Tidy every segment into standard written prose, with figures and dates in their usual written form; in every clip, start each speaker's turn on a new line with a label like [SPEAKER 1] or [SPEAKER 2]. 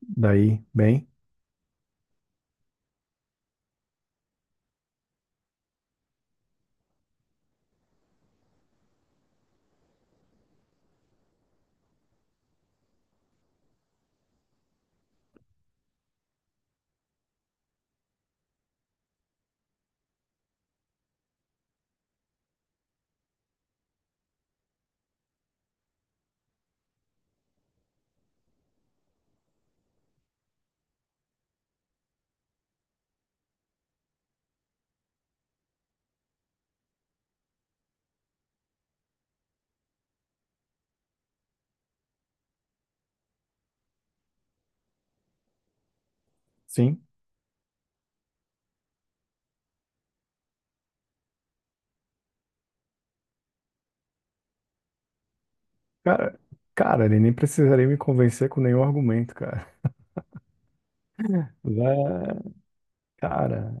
[SPEAKER 1] Daí, bem, sim. Cara, cara, ele nem precisaria me convencer com nenhum argumento, cara. Vé, cara,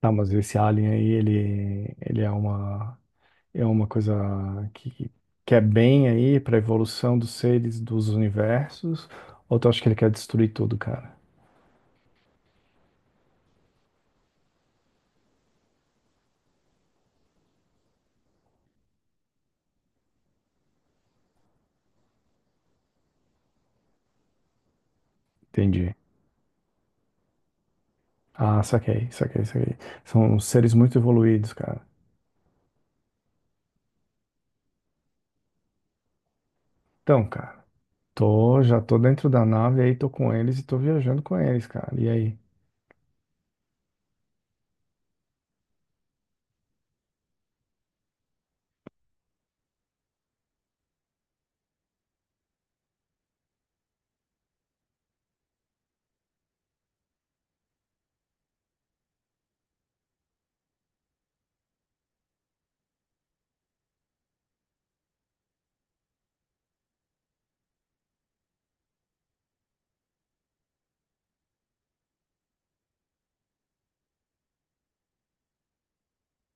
[SPEAKER 1] tá, mas esse alien aí, ele é uma coisa que, que é bem aí pra evolução dos seres dos universos, ou tu acha que ele quer destruir tudo, cara? Entendi. Ah, saquei, saquei, saquei. São seres muito evoluídos, cara. Então, cara, tô, já tô dentro da nave aí, tô com eles e tô viajando com eles, cara. E aí?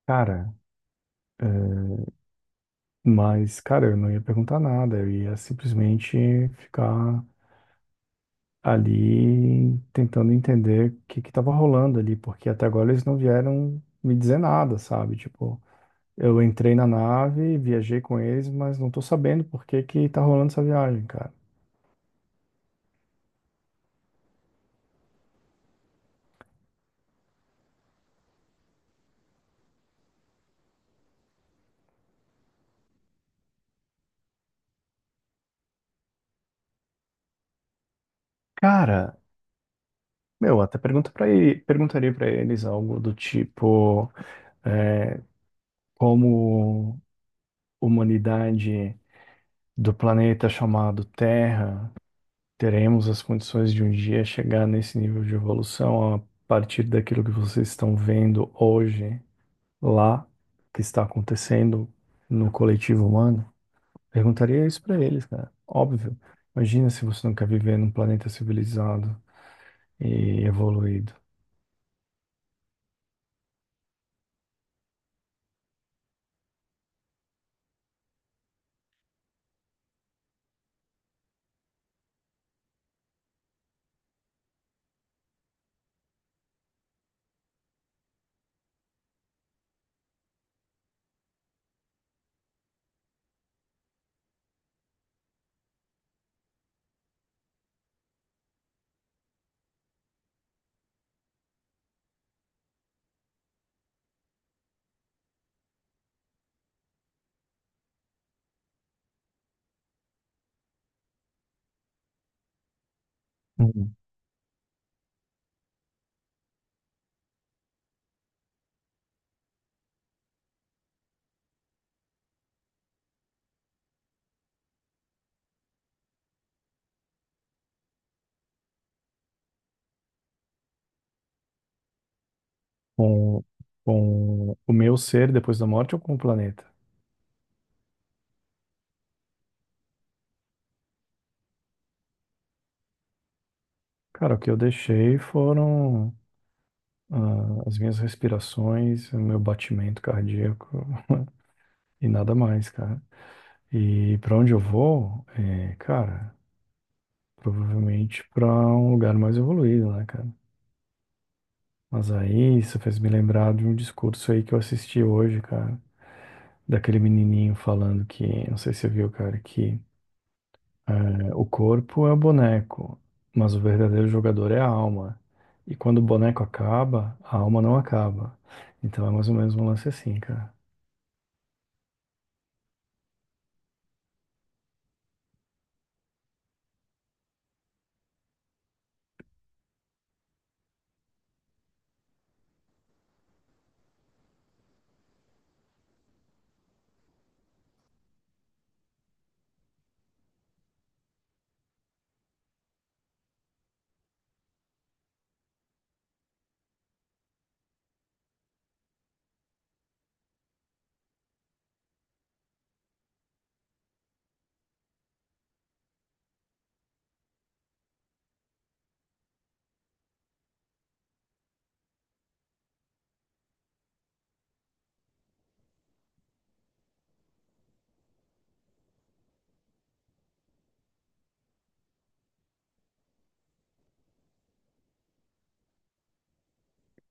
[SPEAKER 1] Cara, eh, mas, cara, eu não ia perguntar nada, eu ia simplesmente ficar ali tentando entender o que que tava rolando ali, porque até agora eles não vieram me dizer nada, sabe? Tipo, eu entrei na nave, viajei com eles, mas não tô sabendo por que que tá rolando essa viagem, cara. Cara, meu, até pergunta para perguntaria pra eles algo do tipo, é, como humanidade do planeta chamado Terra, teremos as condições de um dia chegar nesse nível de evolução a partir daquilo que vocês estão vendo hoje lá, que está acontecendo no coletivo humano? Perguntaria isso para eles, cara. Óbvio. Imagina se você não quer viver num planeta civilizado e evoluído. Uhum. Com, com o meu ser depois da morte ou com o planeta? Cara, o que eu deixei foram ah, as minhas respirações, o meu batimento cardíaco e nada mais, cara. E para onde eu vou, é, cara, provavelmente para um lugar mais evoluído, né, cara? Mas aí isso fez me lembrar de um discurso aí que eu assisti hoje, cara, daquele menininho falando que, não sei se você viu, cara, que é, o corpo é o boneco, mas o verdadeiro jogador é a alma. E quando o boneco acaba, a alma não acaba. Então é mais ou menos um lance assim, cara.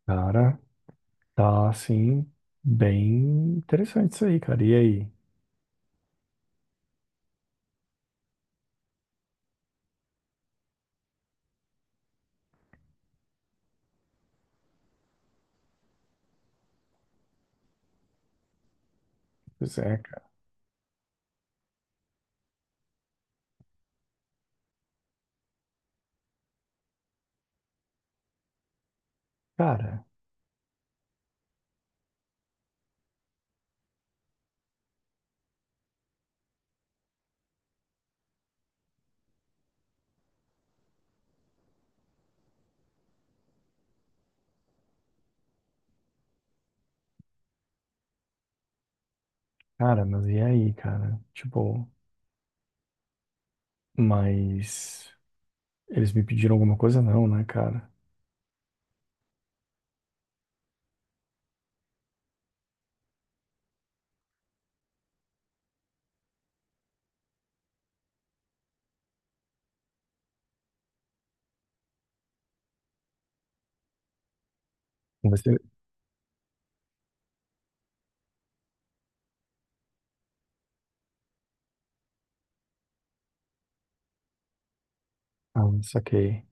[SPEAKER 1] Cara, tá assim, bem interessante isso aí, cara. E aí? Pois é, cara. Cara, Cara, mas e aí, cara? Tipo, mas eles me pediram alguma coisa? Não, né, cara? Você... Ah, saquei.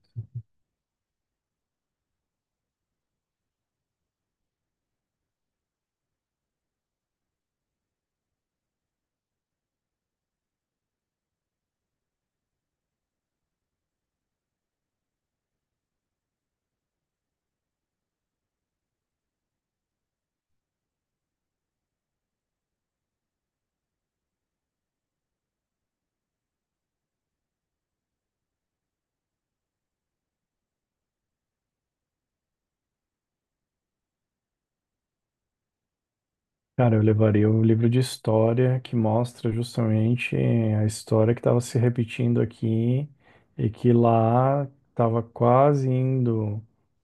[SPEAKER 1] Cara, eu levaria o livro de história que mostra justamente a história que estava se repetindo aqui e que lá estava quase indo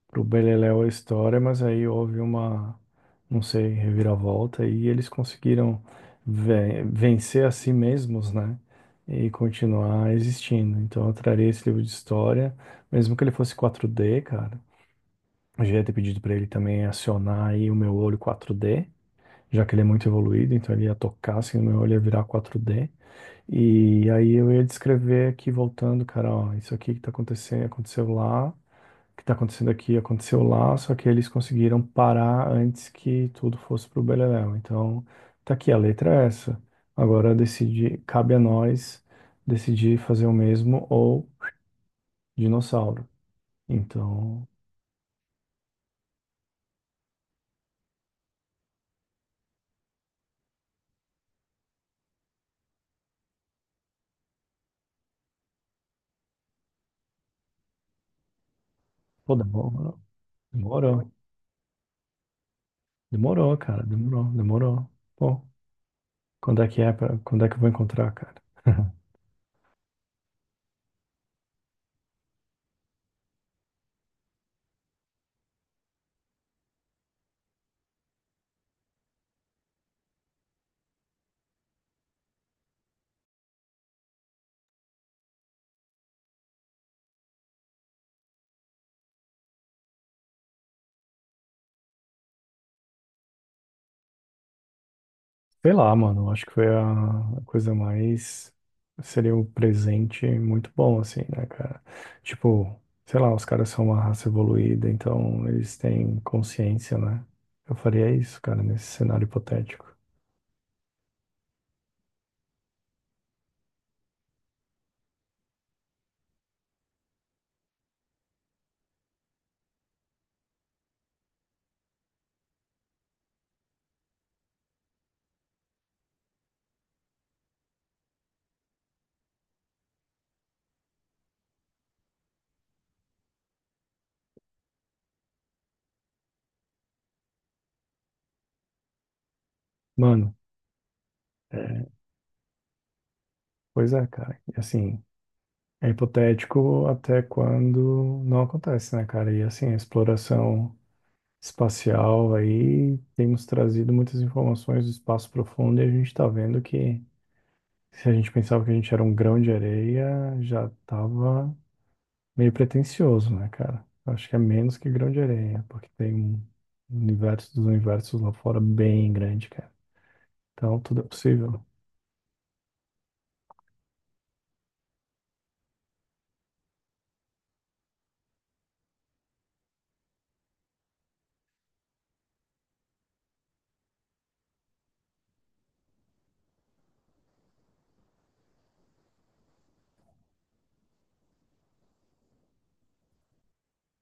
[SPEAKER 1] pro Beleléu a história, mas aí houve uma, não sei, reviravolta e eles conseguiram vencer a si mesmos, né? E continuar existindo. Então eu traria esse livro de história, mesmo que ele fosse 4D, cara. Eu já ia ter pedido para ele também acionar aí o meu olho 4D, já que ele é muito evoluído, então ele ia tocar assim, o meu olho ia virar 4D. E aí eu ia descrever aqui voltando, cara, ó, isso aqui que tá acontecendo, aconteceu lá, que está acontecendo aqui aconteceu lá, só que eles conseguiram parar antes que tudo fosse para o beleléu. Então, tá aqui, a letra é essa. Agora decidi, cabe a nós decidir fazer o mesmo ou dinossauro. Então, pô, demorou. Demorou, demorou, cara, demorou, demorou. Pô, quando é que é pra, quando é que eu vou encontrar, cara? Sei lá, mano, acho que foi a coisa mais. Seria um presente muito bom, assim, né, cara? Tipo, sei lá, os caras são uma raça evoluída, então eles têm consciência, né? Eu faria isso, cara, nesse cenário hipotético. Mano, é, pois é, cara. E assim, é hipotético até quando não acontece, né, cara? E assim, a exploração espacial aí, temos trazido muitas informações do espaço profundo e a gente tá vendo que. Se a gente pensava que a gente era um grão de areia, já tava meio pretensioso, né, cara? Eu acho que é menos que grão de areia, porque tem um universo dos universos lá fora bem grande, cara. Então tudo é possível.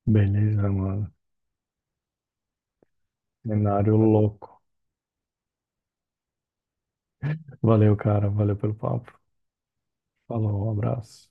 [SPEAKER 1] Beleza, mano. Cenário louco. Valeu, cara. Valeu pelo papo. Falou, um abraço.